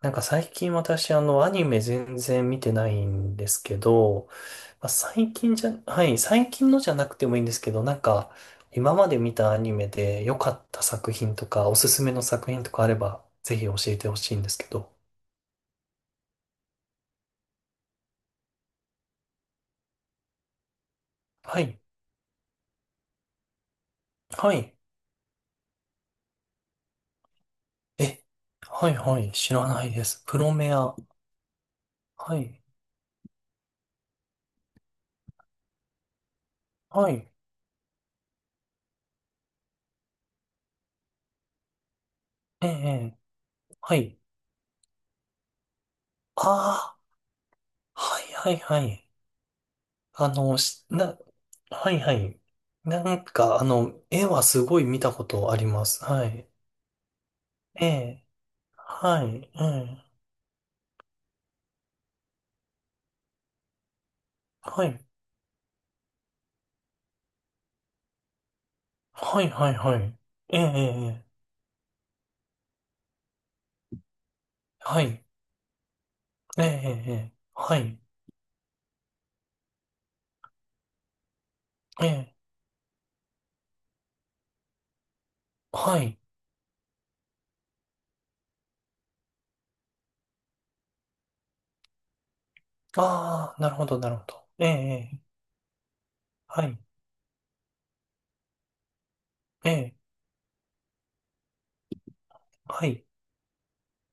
なんか最近私あのアニメ全然見てないんですけど、まあ、最近じゃ、はい、最近のじゃなくてもいいんですけど、なんか今まで見たアニメで良かった作品とかおすすめの作品とかあればぜひ教えてほしいんですけど。はい、はい、え、はい、はい、知らないです。プロメア。はい、はい、ええ、ええはい。ああ、はい、はい、はい。あの、はいはい。なんか、あの、絵はすごい見たことあります。はい。ええ、はい、ええ、はい、はい、はい、はい。ええ、ええ、はい、ええ、ええ、はい、ええ、はい。ああ、なるほど、なるほど。ええ、ええはい、ええ、はい。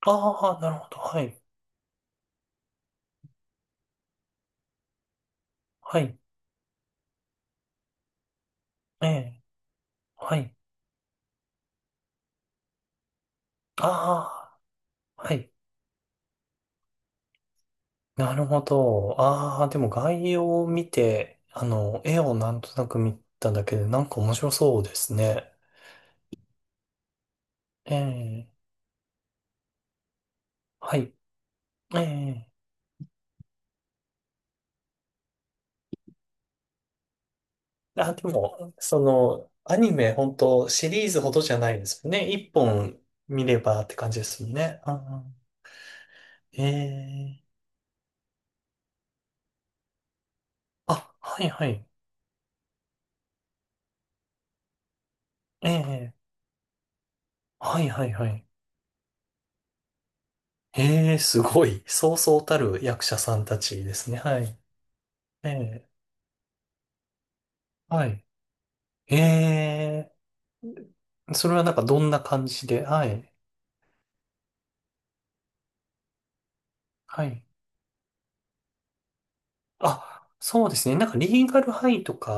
ああ、なるほど、はい、はい、ええ、はい。ああ、はい。なるほど。ああ、でも概要を見て、あの、絵をなんとなく見ただけで、なんか面白そうですね。ええ、はい。ええ。あ、でも、その、アニメ、本当シリーズほどじゃないですよね。一本見ればって感じですよね。うんええ。あ、はいはい。ええ。はいはいはい。ええ、すごい。そうそうたる役者さんたちですね。はい。ええ。はい。ええ。それはなんかどんな感じで、はい。はい。あ、そうですね。なんかリーガルハイとか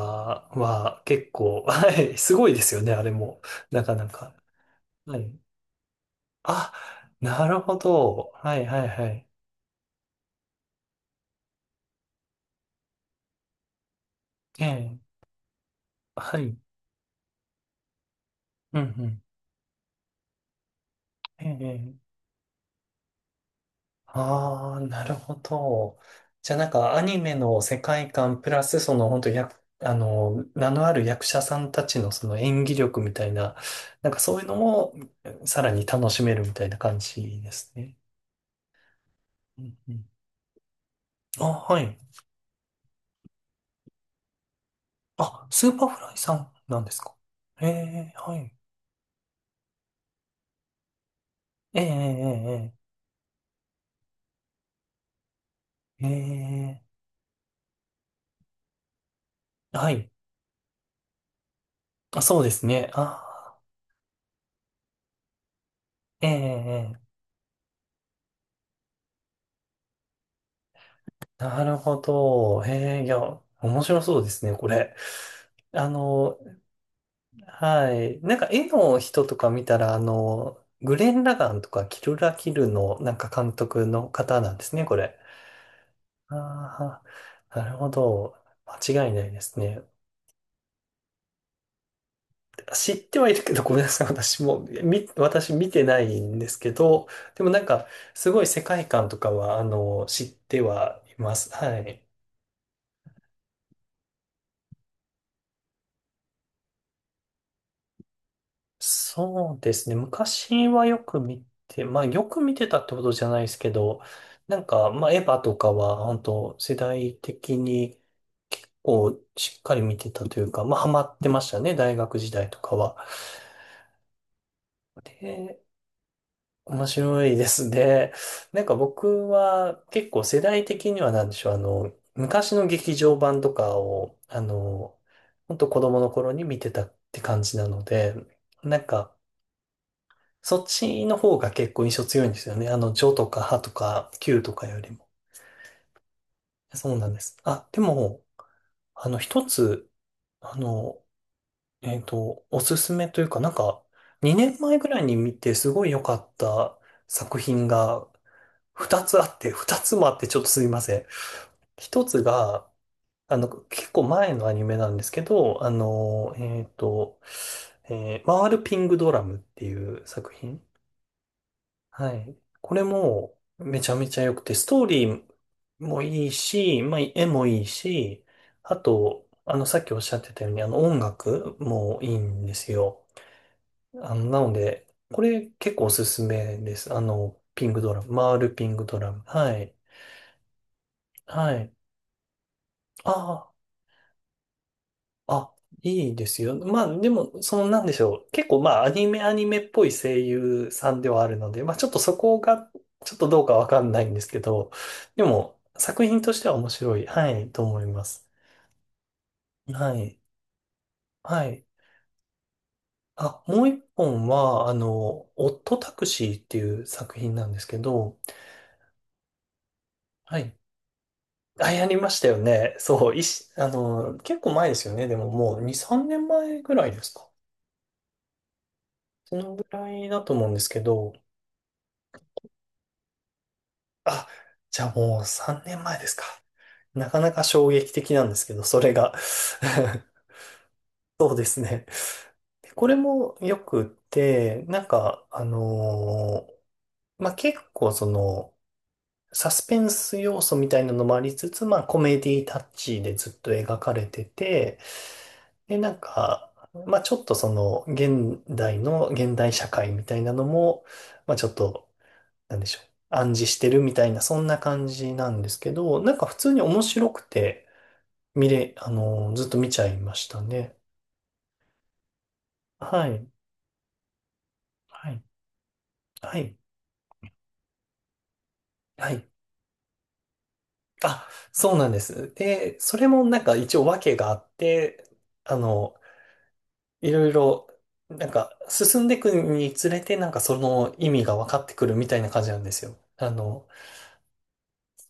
は結構、はい。すごいですよね、あれも。なかなか。はい。あ、なるほど。はいはいはい。ええ。はい。うんうん。ええ。ああ、なるほど。じゃあなんかアニメの世界観プラスその本当や、あの、名のある役者さんたちのその演技力みたいな、なんかそういうのもさらに楽しめるみたいな感じですね。うんうん、あ、はい。あ、スーパーフライさんなんですか。ええ、はい。ええ、ええ、ええ、ええはい。あ、そうですね。あー、ええ、ええなるほど。ええ、いや、面白そうですね、これ。あの、はい。なんか絵の人とか見たら、あの、グレン・ラガンとかキルラ・キルのなんか監督の方なんですね、これ。ああ、なるほど。間違いないですね。知ってはいるけど、ごめんなさい。私も、私見てないんですけど、でもなんか、すごい世界観とかは、あの、知ってはいます。はい。そうですね。昔はよく見て、まあよく見てたってことじゃないですけど、なんか、まあエヴァとかは本当世代的に結構しっかり見てたというか、まあハマってましたね、大学時代とかは。で、面白いですね。なんか僕は結構世代的にはなんでしょう、あの、昔の劇場版とかを、あの、本当子供の頃に見てたって感じなので、なんか、そっちの方が結構印象強いんですよね。あの、ジョとかハとかキューとかよりも。そうなんです。あ、でも、あの、一つ、あの、おすすめというか、なんか、2年前ぐらいに見てすごい良かった作品が2つあって、2つもあってちょっとすみません。一つが、あの、結構前のアニメなんですけど、あの、回るピングドラムっていう作品。はい。これもめちゃめちゃ良くて、ストーリーもいいし、まあ、絵もいいし、あと、あの、さっきおっしゃってたように、あの、音楽もいいんですよ。あの、なので、これ結構おすすめです。あの、ピングドラム、回るピングドラム。はい。はい。ああ。あ、いいですよ。まあ、でも、その、なんでしょう。結構、まあ、アニメ、アニメっぽい声優さんではあるので、まあ、ちょっとそこが、ちょっとどうかわかんないんですけど、でも、作品としては面白い、はい、と思います。はい。はい。あ、もう一本は、あの、オットタクシーっていう作品なんですけど、はい。あ、やりましたよね。そう、あの、結構前ですよね。でも、もう2、3年前ぐらいですか。そのぐらいだと思うんですけど、あ、じゃあもう3年前ですか。なかなか衝撃的なんですけど、それが。そうですね。でこれもよくって、なんか、あのーまあ、結構その、サスペンス要素みたいなのもありつつ、まあ、コメディタッチでずっと描かれてて、で、なんか、まあ、ちょっとその、現代の、現代社会みたいなのも、まあ、ちょっとなんでしょう、暗示してるみたいな、そんな感じなんですけど、なんか普通に面白くて、あのーずっと見ちゃいましたね。はい、はい、はい、はい。あ、そうなんです。で、それもなんか一応訳があって、あの、いろいろ、なんか進んでいくにつれて、なんかその意味が分かってくるみたいな感じなんですよ。あの、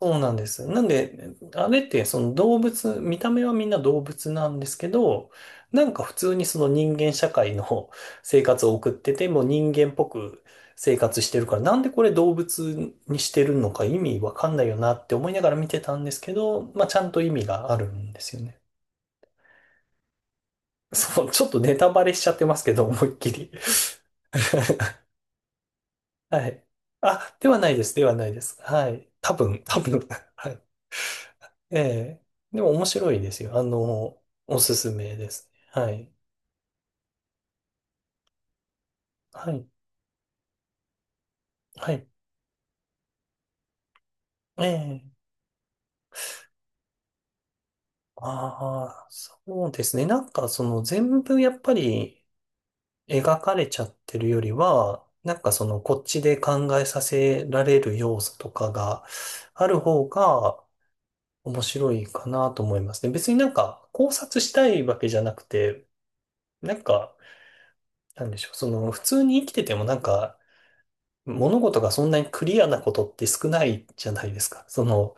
そうなんです。なんで、あれってその動物、見た目はみんな動物なんですけど、なんか普通にその人間社会の 生活を送ってて、もう人間っぽく生活してるから、なんでこれ動物にしてるのか意味わかんないよなって思いながら見てたんですけど、まあちゃんと意味があるんですよね。そう、ちょっとネタバレしちゃってますけど、思いっきり。はい。あ、ではないです。ではないです。はい。多分、多分。はい。ええ。でも面白いですよ。あの、おすすめですね。はい。はい。はい。ええ。ああ、そうですね。なんかその全部やっぱり描かれちゃってるよりは、なんかそのこっちで考えさせられる要素とかがある方が面白いかなと思いますね。別になんか考察したいわけじゃなくて、なんか、なんでしょう。その普通に生きててもなんか物事がそんなにクリアなことって少ないじゃないですか。その、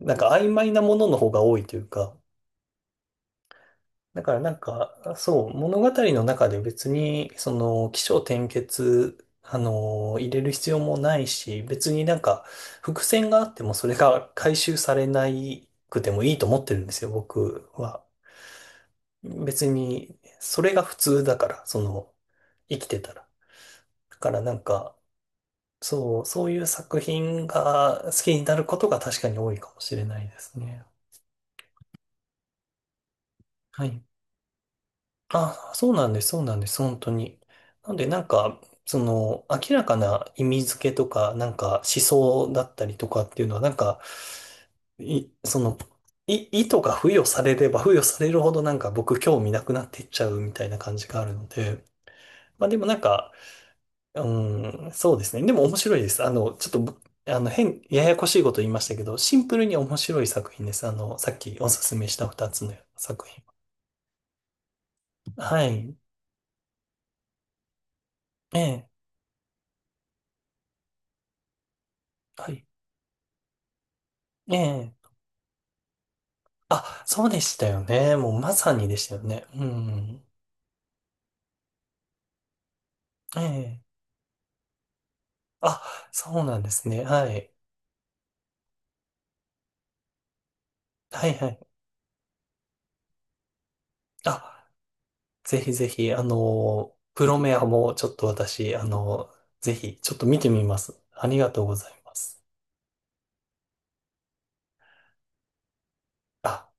なんか曖昧なものの方が多いというか。だからなんか、そう、物語の中で別に、その、起承転結、あの、入れる必要もないし、別になんか、伏線があってもそれが回収されなくてもいいと思ってるんですよ、僕は。別に、それが普通だから、その、生きてたら。だからなんか、そう、そういう作品が好きになることが確かに多いかもしれないですね。はい。あ、そうなんです、そうなんです、本当に。なんで、なんか、その、明らかな意味付けとか、なんか思想だったりとかっていうのは、なんか、その、意図が付与されれば付与されるほどなんか僕興味なくなっていっちゃうみたいな感じがあるので、まあでもなんか、うん、そうですね。でも面白いです。あの、ちょっとぶ、あの、ややこしいこと言いましたけど、シンプルに面白い作品です。あの、さっきおすすめした二つの作品。はい。ええ、はい。ええ。あ、そうでしたよね。もうまさにでしたよね。うん。ええ。あ、そうなんですね。はい。はいはい。あ、ぜひぜひ、あの、プロメアもちょっと私、あの、ぜひ、ちょっと見てみます。ありがとうございます。あ